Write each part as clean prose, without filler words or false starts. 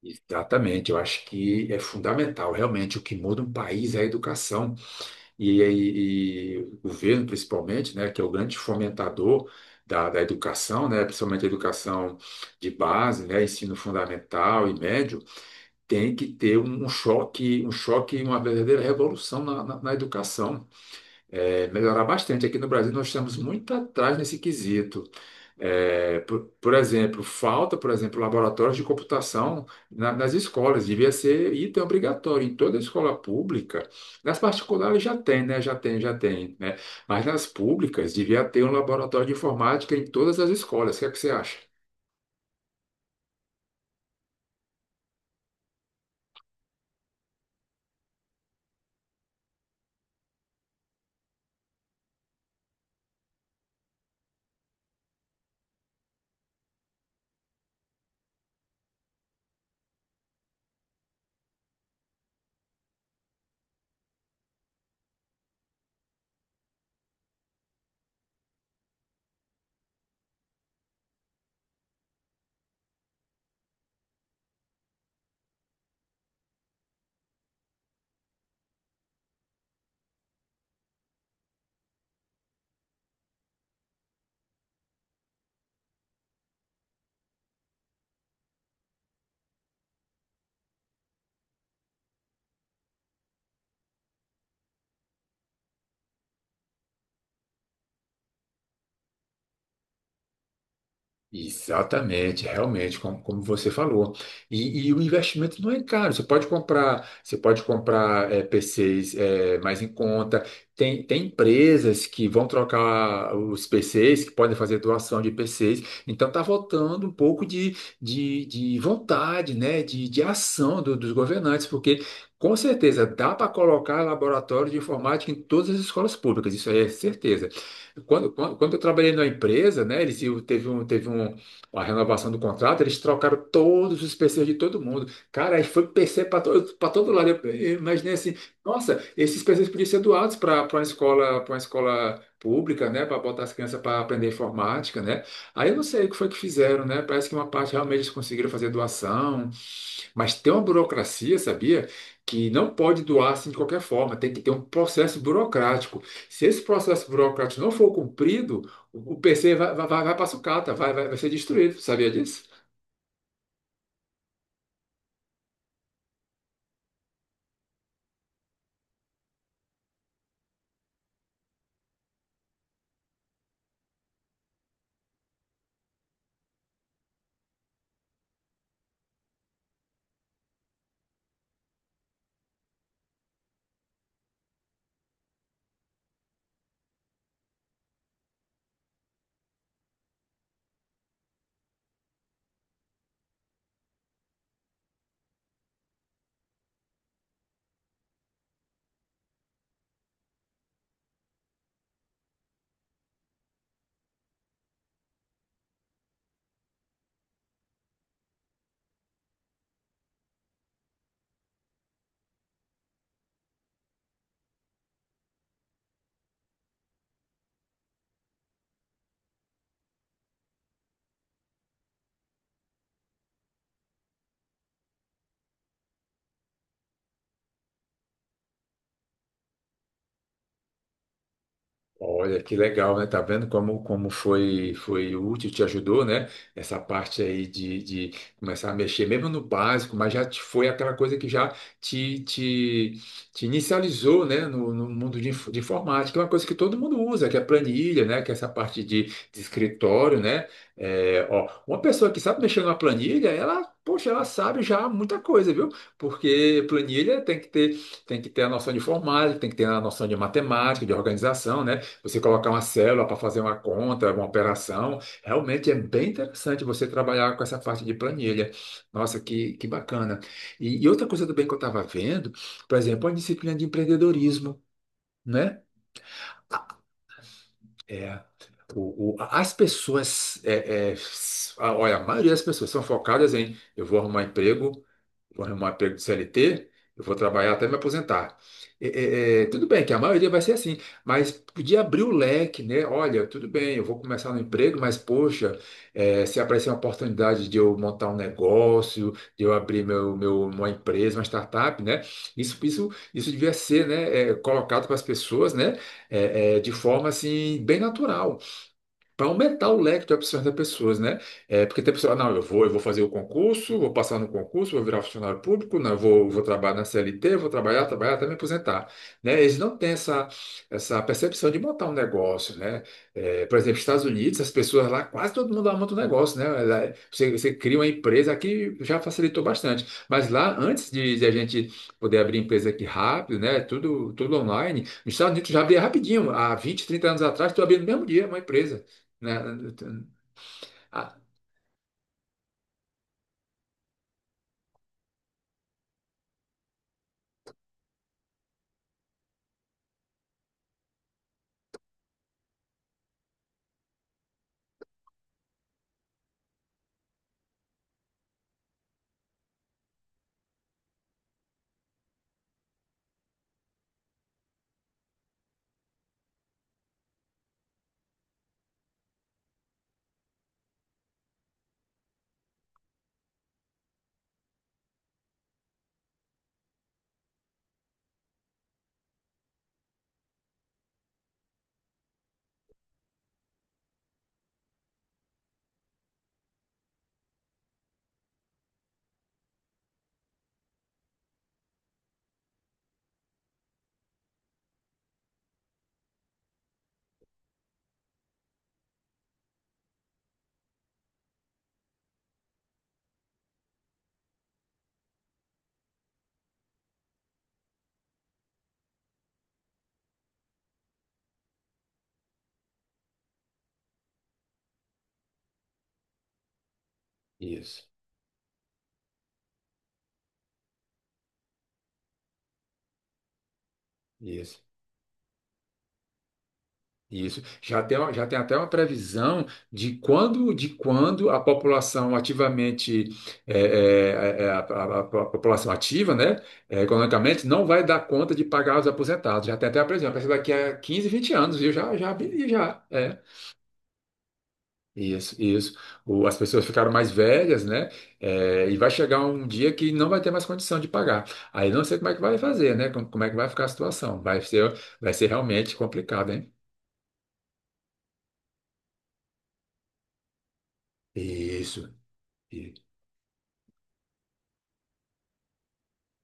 Exatamente, eu acho que é fundamental. Realmente, o que muda um país é a educação e o governo, principalmente, né, que é o grande fomentador da educação, né, principalmente a educação de base, né, ensino fundamental e médio, tem que ter um choque, e uma verdadeira revolução na educação. É, melhorar bastante. Aqui no Brasil, nós estamos muito atrás nesse quesito. É, por exemplo, falta, por exemplo, laboratórios de computação nas escolas, devia ser item obrigatório em toda escola pública. Nas particulares já tem, né? Já tem, né? Mas nas públicas devia ter um laboratório de informática em todas as escolas. O que é que você acha? Exatamente, realmente, como, como você falou. E o investimento não é caro. Você pode comprar PCs mais em conta. Tem, tem empresas que vão trocar os PCs, que podem fazer doação de PCs. Então está voltando um pouco de vontade, né? De ação dos governantes, porque com certeza dá para colocar laboratório de informática em todas as escolas públicas, isso aí é certeza. Quando eu trabalhei na empresa, né, teve um, uma renovação do contrato, eles trocaram todos os PCs de todo mundo. Cara, aí foi PC para todo lado. Eu imaginei assim, nossa, esses PCs podiam ser doados para uma escola pública, né, para botar as crianças para aprender informática, né? Aí eu não sei o que foi que fizeram, né? Parece que uma parte realmente eles conseguiram fazer doação, mas tem uma burocracia, sabia? Que não pode doar assim de qualquer forma, tem que ter um processo burocrático. Se esse processo burocrático não for cumprido, o PC vai, vai, vai para sucata, vai, vai, vai ser destruído, sabia disso? Olha, que legal, né? Tá vendo como, como foi, foi útil, te ajudou, né? Essa parte aí de começar a mexer, mesmo no básico, mas foi aquela coisa que já te, te, te inicializou, né? No mundo de, de informática, é uma coisa que todo mundo usa, que é planilha, né? Que é essa parte de escritório, né? É, ó, uma pessoa que sabe mexer numa planilha, ela, poxa, ela sabe já muita coisa, viu? Porque planilha tem que ter a noção de informática, tem que ter a noção de matemática, de organização, né? Você colocar uma célula para fazer uma conta, uma operação. Realmente é bem interessante você trabalhar com essa parte de planilha. Nossa, que bacana. E outra coisa também que eu estava vendo, por exemplo, a disciplina de empreendedorismo, né? É, as pessoas, olha, a maioria das pessoas são focadas em eu vou arrumar emprego, vou arrumar um emprego de CLT, eu vou trabalhar até me aposentar. Tudo bem que a maioria vai ser assim, mas podia abrir o leque, né? Olha, tudo bem, eu vou começar no emprego, mas poxa, se aparecer uma oportunidade de eu montar um negócio, de eu abrir uma empresa, uma startup, né? Isso devia ser, né, colocado para as pessoas, né? De forma assim, bem natural para aumentar o leque de opções das pessoas, né? É, porque tem pessoa, "Ah, não, eu vou fazer o concurso, vou passar no concurso, vou virar funcionário público, não, vou trabalhar na CLT, vou trabalhar, trabalhar até me aposentar, né? Eles não têm essa percepção de montar um negócio, né? É, por exemplo, Estados Unidos, as pessoas lá, quase todo mundo lá monta um negócio, né? Você, você cria uma empresa, aqui já facilitou bastante, mas lá, antes de a gente poder abrir empresa aqui rápido, né? Tudo, tudo online, nos Estados Unidos já abria rapidinho, há 20, 30 anos atrás, tu abria no mesmo dia uma empresa né? Ah, Isso, isso, isso. Já tem até uma previsão de quando a população ativamente, a população ativa, né, é, economicamente, não vai dar conta de pagar os aposentados. Já tem até a previsão, parece que daqui a 15 20 anos, viu? Já. É. Isso. As pessoas ficaram mais velhas, né? É, e vai chegar um dia que não vai ter mais condição de pagar. Aí não sei como é que vai fazer, né? Como, como é que vai ficar a situação? Vai ser realmente complicado, hein? Isso.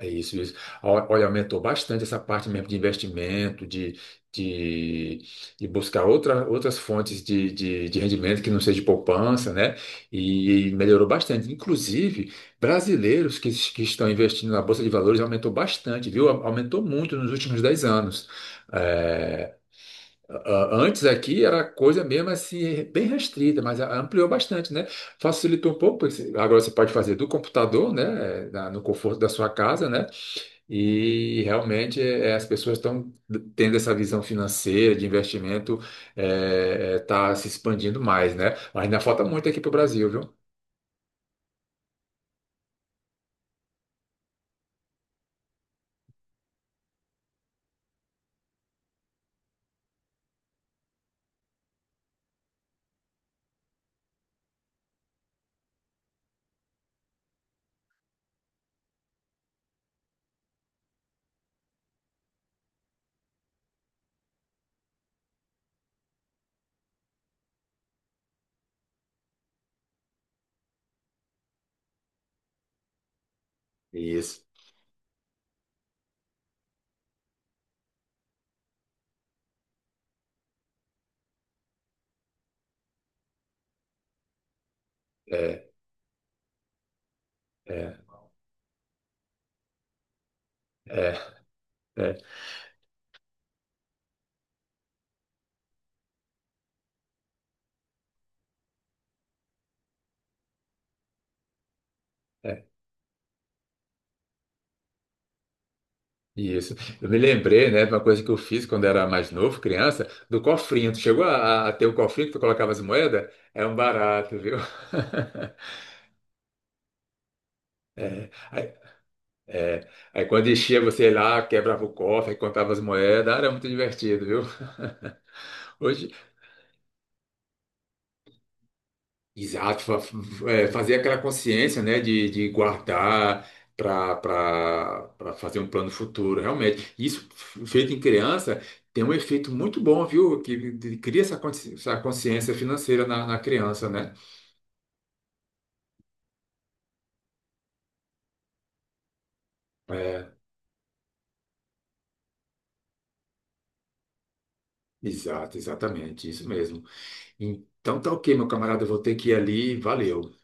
Isso. Olha, aumentou bastante essa parte mesmo de investimento, de, de buscar outra, outras fontes de rendimento que não seja de poupança, né? E, melhorou bastante. Inclusive, que estão investindo na Bolsa de Valores aumentou bastante, viu? Aumentou muito nos últimos 10 anos. É, antes aqui era coisa mesmo assim, bem restrita, mas ampliou bastante, né? Facilitou um pouco, porque agora você pode fazer do computador, né? É, No conforto da sua casa, né? E realmente é, as pessoas estão tendo essa visão financeira de investimento, está se expandindo mais, né? Mas ainda falta muito aqui para o Brasil, viu? Isso. É, é, é, é, é, isso. Eu me lembrei, né, de uma coisa que eu fiz quando era mais novo, criança, do cofrinho. Tu chegou a ter o cofrinho que tu colocava as moedas? É um barato, viu? É, aí, é. Aí quando enchia, você ia lá, quebrava o cofre, aí contava as moedas. Ah, era muito divertido, viu? Hoje, Exato, fazer aquela consciência, né, de guardar para fazer um plano futuro, realmente. Isso feito em criança tem um efeito muito bom, viu? Que cria essa essa consciência financeira na criança, né? É, exato, exatamente, isso mesmo. Então tá ok, meu camarada, eu vou ter que ir ali, valeu.